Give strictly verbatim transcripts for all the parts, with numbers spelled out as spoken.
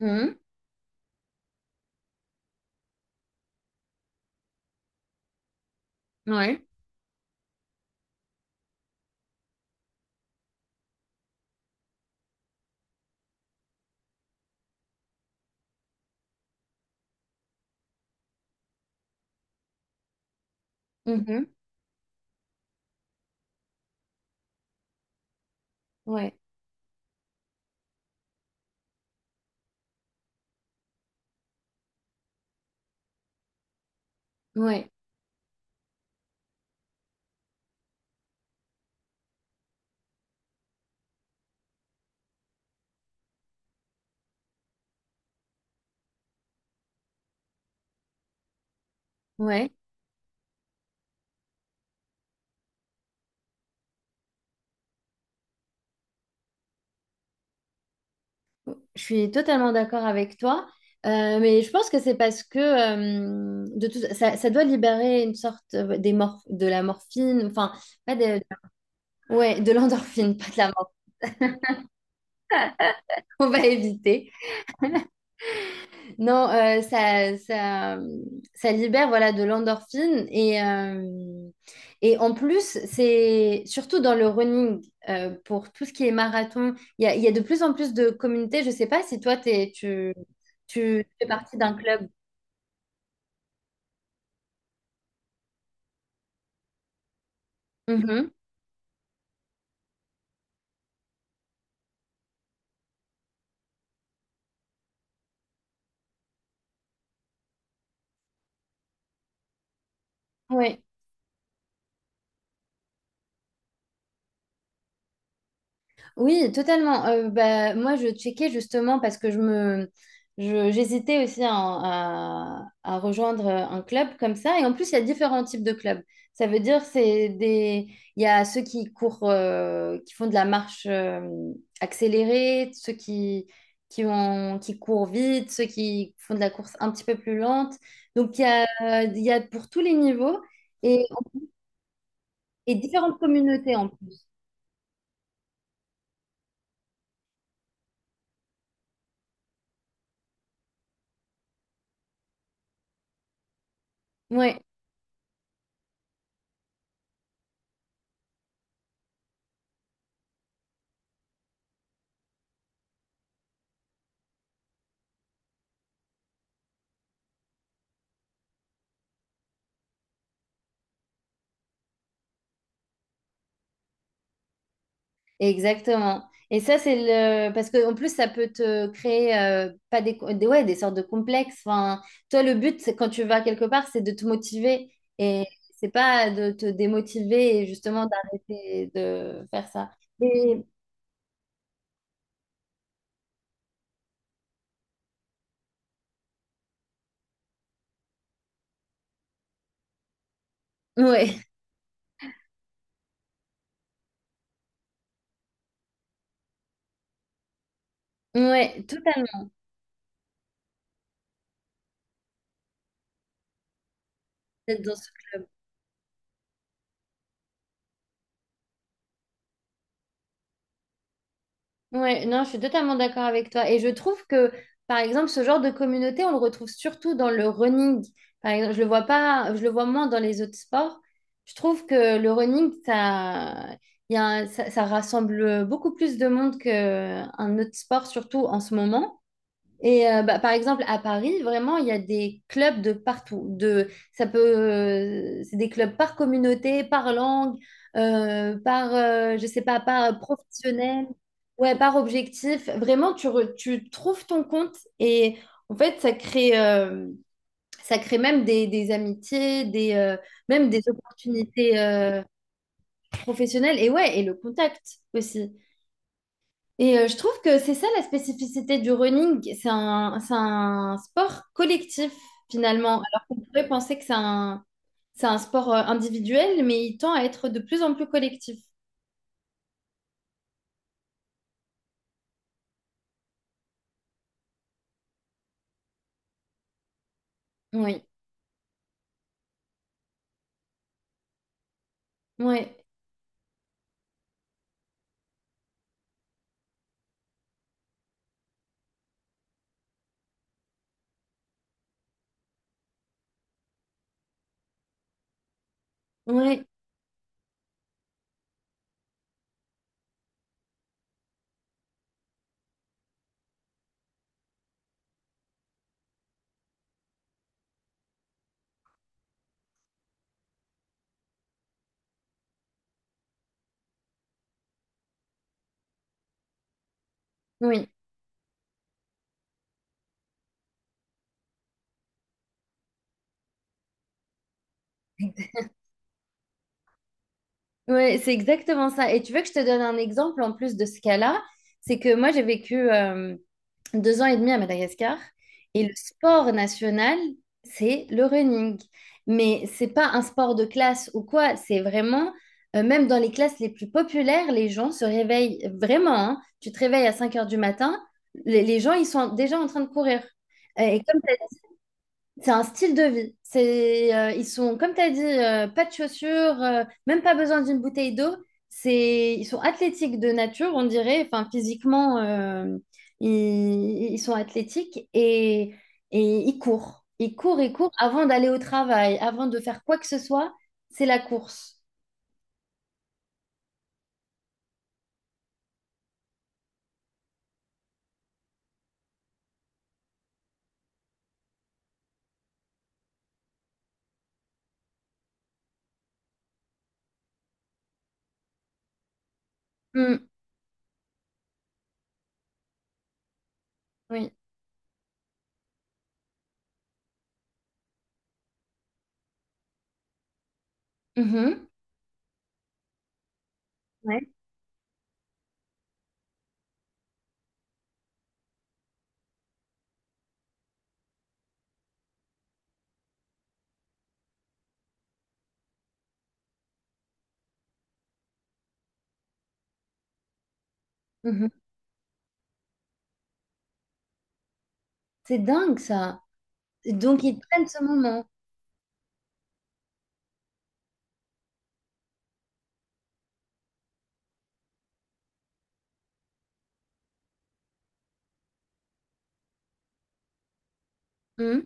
Mhm. Ouais. Mhm. Ouais. Ouais. Ouais. Je suis totalement d'accord avec toi. Euh, mais je pense que c'est parce que euh, de tout, ça, ça doit libérer une sorte euh, des morph- de la morphine, enfin, pas de, ouais, de l'endorphine, pas de la morphine, on va éviter. Non, euh, ça, ça, ça libère voilà de l'endorphine et, euh, et en plus, c'est surtout dans le running, euh, pour tout ce qui est marathon, il y a, il y a de plus en plus de communautés. Je ne sais pas si toi, t'es, tu, tu fais partie d'un club. Oui. Oui, totalement. Euh, bah, moi, je checkais justement parce que je me, je- j'hésitais aussi à, à- à rejoindre un club comme ça. Et en plus, il y a différents types de clubs. Ça veut dire c'est des, il y a ceux qui courent, euh, qui font de la marche euh, accélérée, ceux qui, qui ont, qui courent vite, ceux qui font de la course un petit peu plus lente. Donc il y a, il y a pour tous les niveaux et, et différentes communautés en plus. Ouais. Exactement. Et ça, c'est le... Parce que en plus, ça peut te créer euh, pas des... des- Ouais, des sortes de complexes. Enfin, toi, le but, c'est- quand tu vas quelque part, c'est de te motiver. Et c'est pas de te démotiver et justement d'arrêter de faire ça. Et... Ouais, ouais, totalement. Ouais, non, je suis totalement d'accord avec toi. Et je trouve que, par exemple, ce genre de communauté, on le retrouve surtout dans le running. Par exemple, je le vois pas, je le vois moins dans les autres sports. Je trouve que le running, ça, il y a un- ça, ça rassemble beaucoup plus de monde qu'un autre sport, surtout en ce moment. Et euh, bah, par exemple, à Paris, vraiment, il y a des clubs de partout. De, ça peut, euh, c'est des clubs par communauté, par langue, euh, par, euh, je sais pas, par professionnel, ouais, par objectif. Vraiment, tu, re- tu trouves ton compte et en fait, ça crée, euh, ça crée même des, des amitiés, des, euh, même des opportunités euh, professionnelles et ouais, et le contact aussi. Et euh, je trouve que c'est ça la spécificité du running, c'est un, c'est un sport collectif finalement, alors qu'on pourrait penser que c'est un, c'est un sport euh, individuel, mais il tend à être de plus en plus collectif. Oui, oui, oui, oui. Ouais, c'est exactement ça. Et tu veux que je te donne un exemple en plus de ce cas-là? C'est que moi, j'ai vécu euh, deux ans et demi à Madagascar et le sport national, c'est le running. Mais c'est pas un sport de classe ou quoi, c'est vraiment, euh, même dans les classes les plus populaires, les gens se réveillent vraiment, hein. Tu te réveilles à cinq heures du matin, les, les gens, ils sont déjà en train de courir. Euh, Et comme c'est un style de vie. C'est, euh, ils sont, comme tu as dit, euh, pas de chaussures, euh, même pas besoin d'une bouteille d'eau. C'est, ils sont athlétiques de nature, on dirait. Enfin, physiquement, euh, ils, ils sont athlétiques et, et ils courent. Ils courent, ils courent avant d'aller au travail, avant de faire quoi que ce soit. C'est la course. Mm, oui. Mhm. Ouais. Mhm. C'est dingue, ça. Et Donc, ils prennent ce moment. Mm,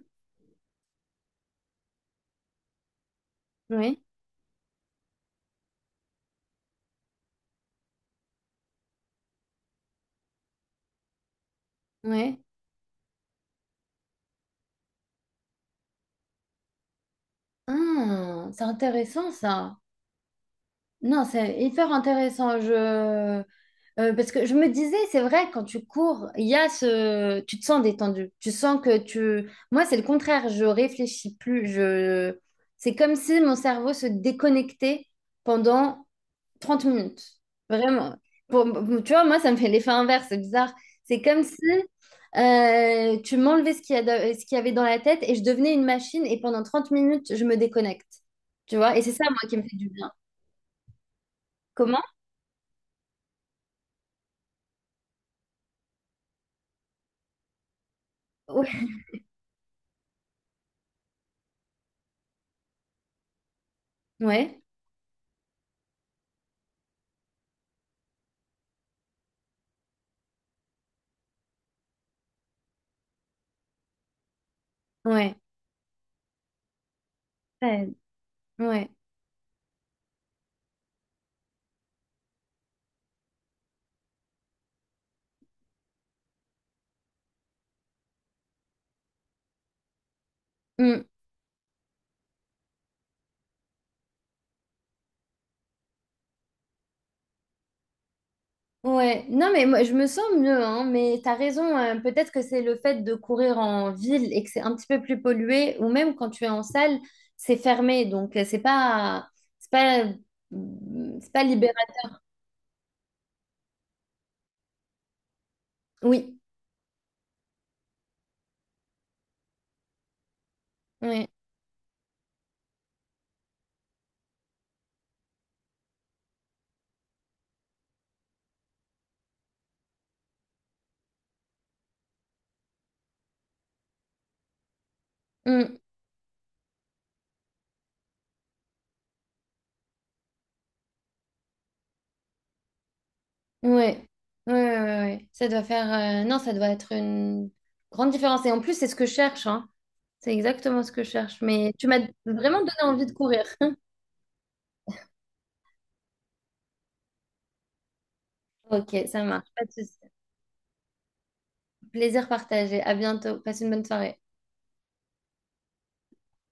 oui. Oui. Ah, c'est intéressant, ça. Non, c'est hyper intéressant. Je... euh, parce que je me disais, c'est vrai, quand tu cours, il y a ce... tu te sens détendu. Tu sens que tu... Moi, c'est le contraire. Je réfléchis plus. Je... C'est comme si mon cerveau se déconnectait pendant trente minutes. Vraiment. Pour... Tu vois, moi, ça me fait l'effet inverse. C'est bizarre. C'est comme si euh, tu m'enlevais ce qu'il y a de- ce qu'il y avait dans la tête et je devenais une machine et pendant trente minutes, je me déconnecte. Tu vois? Et c'est ça, moi, qui me fait du bien. Comment? Ouais, ouais, ouais, ouais. Mm. Ouais. Non, mais moi, je me sens mieux, hein, mais t'as raison, hein. Peut-être que c'est le fait de courir en ville et que c'est un petit peu plus pollué, ou même quand tu es en salle, c'est fermé, donc euh, c'est pas, c'est pas, mm, c'est pas libéral. Oui, ouais, mm. Ouais. Ouais, ouais, ouais, ouais. Ça doit faire, euh, non, ça doit être une grande différence. Et en plus, c'est ce que je cherche, hein. C'est exactement ce que je cherche. Mais tu m'as vraiment donné envie de courir. Ok, ça marche, pas de souci. Plaisir partagé. À bientôt. Passe une bonne soirée.